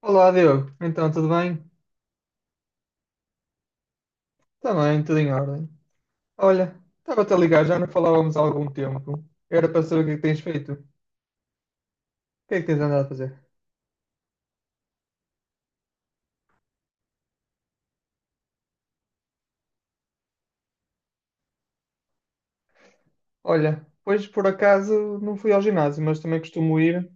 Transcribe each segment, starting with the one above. Olá, Diogo. Então, tudo bem? Também, tudo em ordem. Olha, estava-te a ligar, já não falávamos há algum tempo. Era para saber o que é que tens feito. O que é que tens andado a fazer? Olha, hoje por acaso não fui ao ginásio, mas também costumo ir.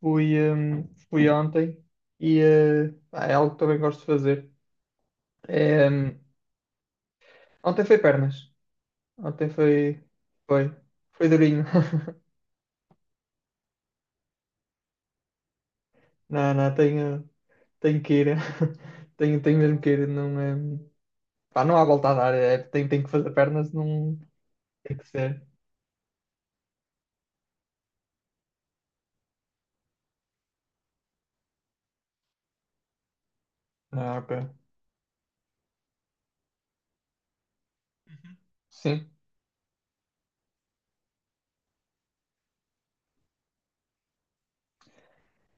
Fui ontem e pá, é algo que também gosto de fazer. É, hum, Ontem foi pernas. Ontem foi. Foi. Foi durinho. Não, não, tenho que ir. Tenho mesmo que ir. Não, é. Pá, não há volta a dar. É, tem que fazer pernas, não tem que ser. Ah, ok. Sim.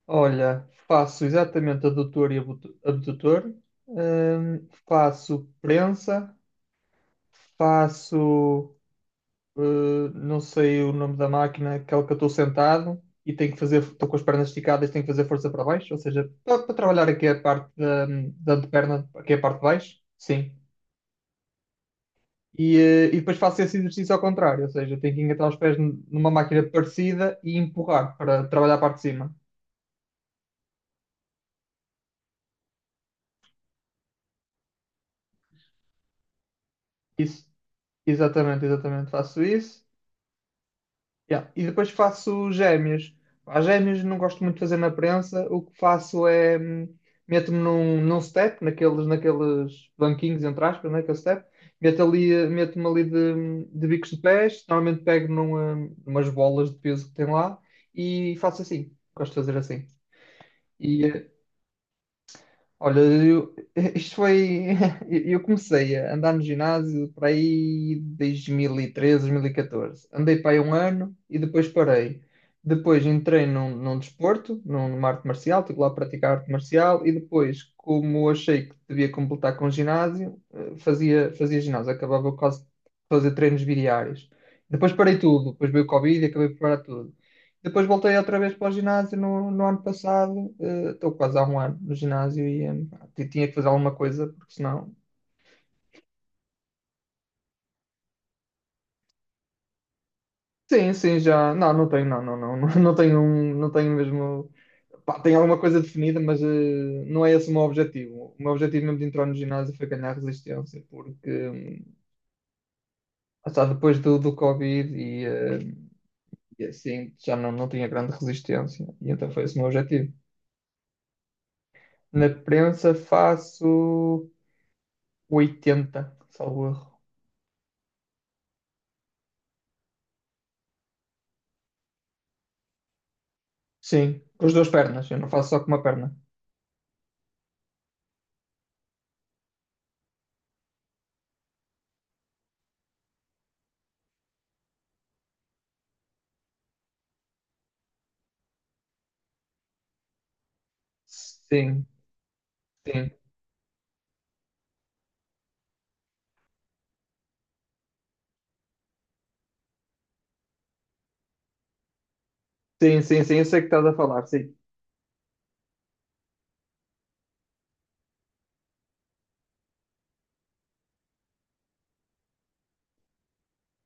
Olha, faço exatamente adutor e abdutor. Faço prensa. Faço. Não sei o nome da máquina, aquela que eu estou sentado e tenho que fazer. Estou com as pernas esticadas, tenho que fazer força para baixo. Ou seja, para, trabalhar aqui a parte da anteperna, aqui a parte de baixo. Sim. E depois faço esse exercício ao contrário, ou seja, tenho que engatar os pés numa máquina parecida e empurrar para trabalhar a parte de cima. Isso, exatamente, exatamente, faço isso. Yeah. E depois faço gêmeos. As gêmeos não gosto muito de fazer na prensa, o que faço é meto-me num step, naqueles banquinhos, entre aspas, naquele step, meto ali, meto-me ali de bicos de pés, normalmente pego numa, umas bolas de peso que tem lá e faço assim, gosto de fazer assim. E, eh, Olha, eu, isto foi. Eu comecei a andar no ginásio para aí 2013, 2014. Andei para aí um ano e depois parei. Depois entrei num desporto, numa arte marcial, estive lá a praticar arte marcial e depois, como achei que devia completar com ginásio, fazia ginásio, acabava quase de fazer treinos bidiários. Depois parei tudo, depois veio o Covid e acabei por parar tudo. Depois voltei outra vez para o ginásio no ano passado. Estou quase há um ano no ginásio e pá, tinha que fazer alguma coisa, porque senão. Sim, sim, já. Não, não tenho, não, não, não, não, não tenho, não tenho mesmo. Pá, tenho alguma coisa definida, mas não é esse o meu objetivo. O meu objetivo mesmo de entrar no ginásio foi ganhar resistência, porque lá está, depois do Covid e assim já não, não tinha grande resistência. E então foi esse o meu objetivo. Na prensa faço 80, salvo erro. Sim, com as duas pernas. Eu não faço só com uma perna. Sim, sim. Sim, sim, sim, eu sei que estás a falar, sim.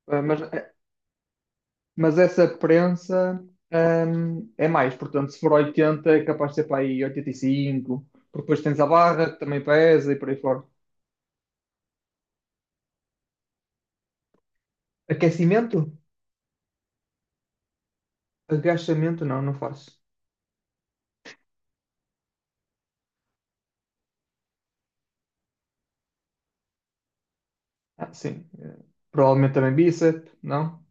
Ah, mas essa prensa, é mais, portanto, se for 80 é capaz de ser para aí 85, porque depois tens a barra que também pesa e por aí fora. Aquecimento? Agachamento não, não faço. Ah, sim. Provavelmente também bíceps, não?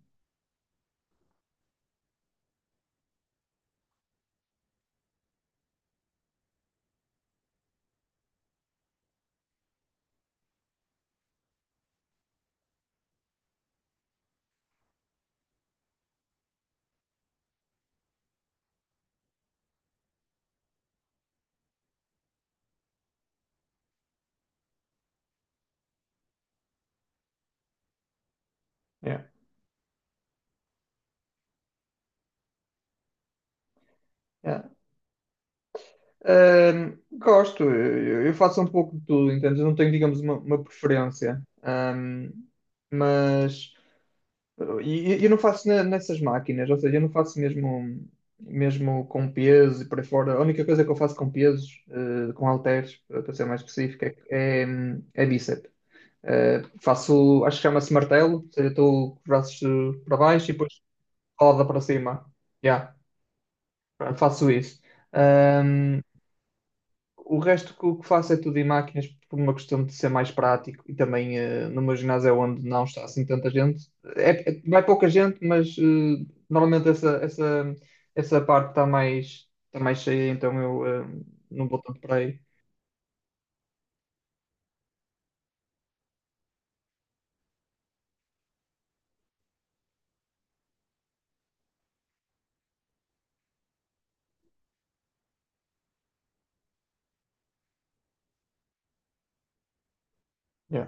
É. Gosto, eu faço um pouco de tudo, entendes? Eu não tenho, digamos, uma preferência. Mas eu, não faço nessas máquinas, ou seja, eu não faço mesmo, mesmo com peso e por aí fora. A única coisa que eu faço com pesos, com halteres, para ser mais específico, é, é bíceps. Faço, acho que chama-se martelo, ou seja, estou com os braços para baixo e depois roda para cima. Yeah, faço isso. O resto que, o que faço é tudo em máquinas por uma questão de ser mais prático e também no meu ginásio é onde não está assim tanta gente. É, vai pouca gente, mas normalmente essa parte está mais cheia, então eu não vou tanto para aí. Yeah.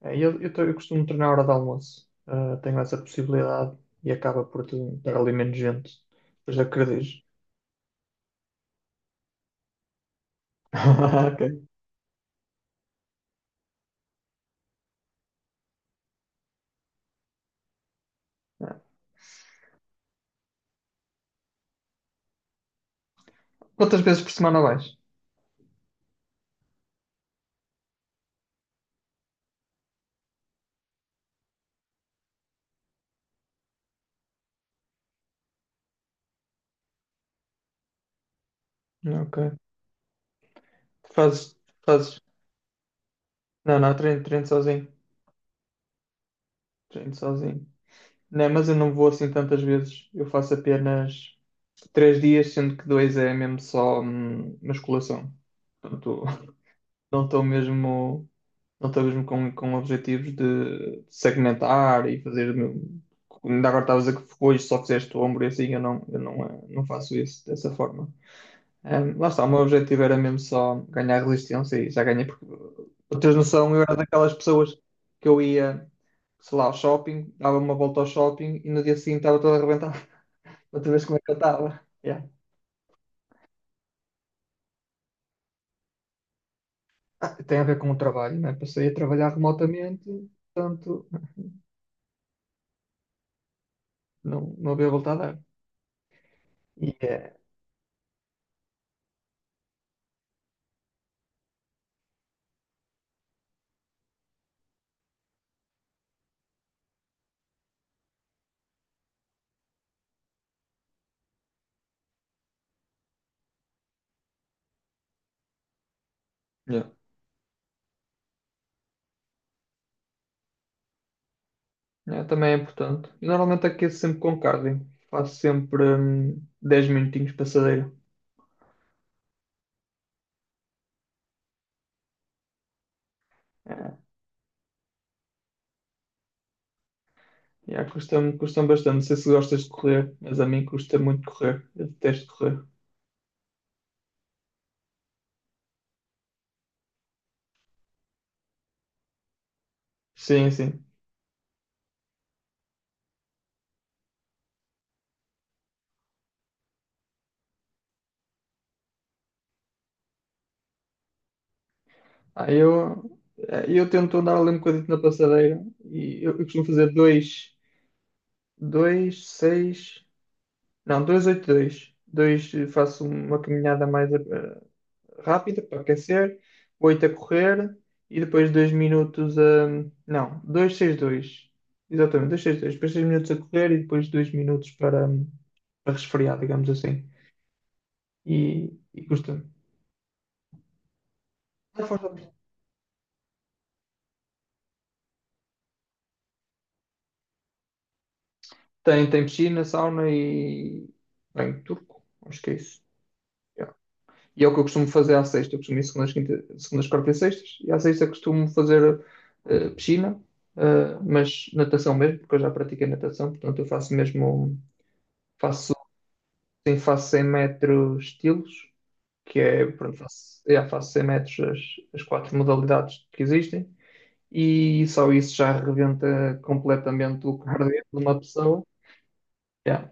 É, eu costumo treinar à hora de almoço. Tenho essa possibilidade e acaba por estar ali menos gente. Depois acredito. Ok. Quantas vezes por semana vais? Ok. Fazes, fazes. Não, não, treino sozinho. Treino sozinho. Não, mas eu não vou assim tantas vezes. Eu faço apenas 3 dias, sendo que dois é mesmo só musculação. Portanto, não estou mesmo, não estou mesmo com objetivos de segmentar e fazer. Ainda agora estavas a dizer que hoje só fizeste o ombro e assim, eu não, não faço isso dessa forma. Lá está, o meu objetivo era mesmo só ganhar resistência e já ganhei, porque para teres noção, eu era daquelas pessoas que eu ia, sei lá, ao shopping, dava uma volta ao shopping e no dia seguinte estava toda arrebentada, outra vez como é que eu estava. Yeah. Ah, tem a ver com o trabalho, né? Passei a trabalhar remotamente, portanto, não, não havia volta a dar. E é, yeah. É, também é importante. E normalmente aqueço sempre com cardio, faço sempre 10 minutinhos passadeiro. Yeah, custa-me custa bastante. Não sei se gostas de correr, mas a mim custa muito correr. Eu detesto correr. Sim, sim. Ah, eu tento andar ali um bocadinho na passadeira e eu costumo fazer dois, dois, seis, não, dois, oito, dois. Dois faço uma caminhada mais rápida para aquecer, oito a correr e depois dois minutos a. Não, dois, seis, dois. Exatamente, dois, seis, dois. Depois 6 minutos a correr e depois 2 minutos para, para resfriar, digamos assim. E custa. Não faz nada. Tem piscina, sauna e bem, turco. Acho que é isso. Yeah. E é o que eu costumo fazer à sexta. Eu costumo ir segundas, quinta, segundas, quartas e sextas. E à sexta costumo fazer piscina, mas natação mesmo, porque eu já pratiquei natação. Portanto, eu faço mesmo, faço, sim, faço 100 metros estilos, que é, pronto, faço, yeah, faço 100 metros as quatro modalidades que existem. E só isso já arrebenta completamente o cardio de uma pessoa. Yeah.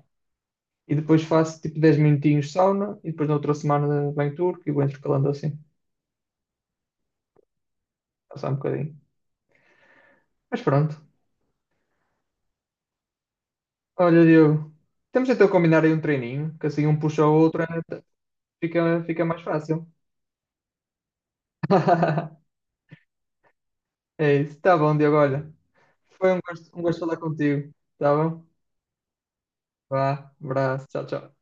E depois faço tipo 10 minutinhos sauna e depois na outra semana venho turco e vou intercalando assim, passar um bocadinho. Mas pronto. Olha, Diogo, temos então a combinar aí um treininho, que assim um puxa o outro, fica mais fácil. É isso. Tá bom, Diogo, olha. Foi um gosto falar contigo. Tá bom? Vá, abraço, tchau, tchau.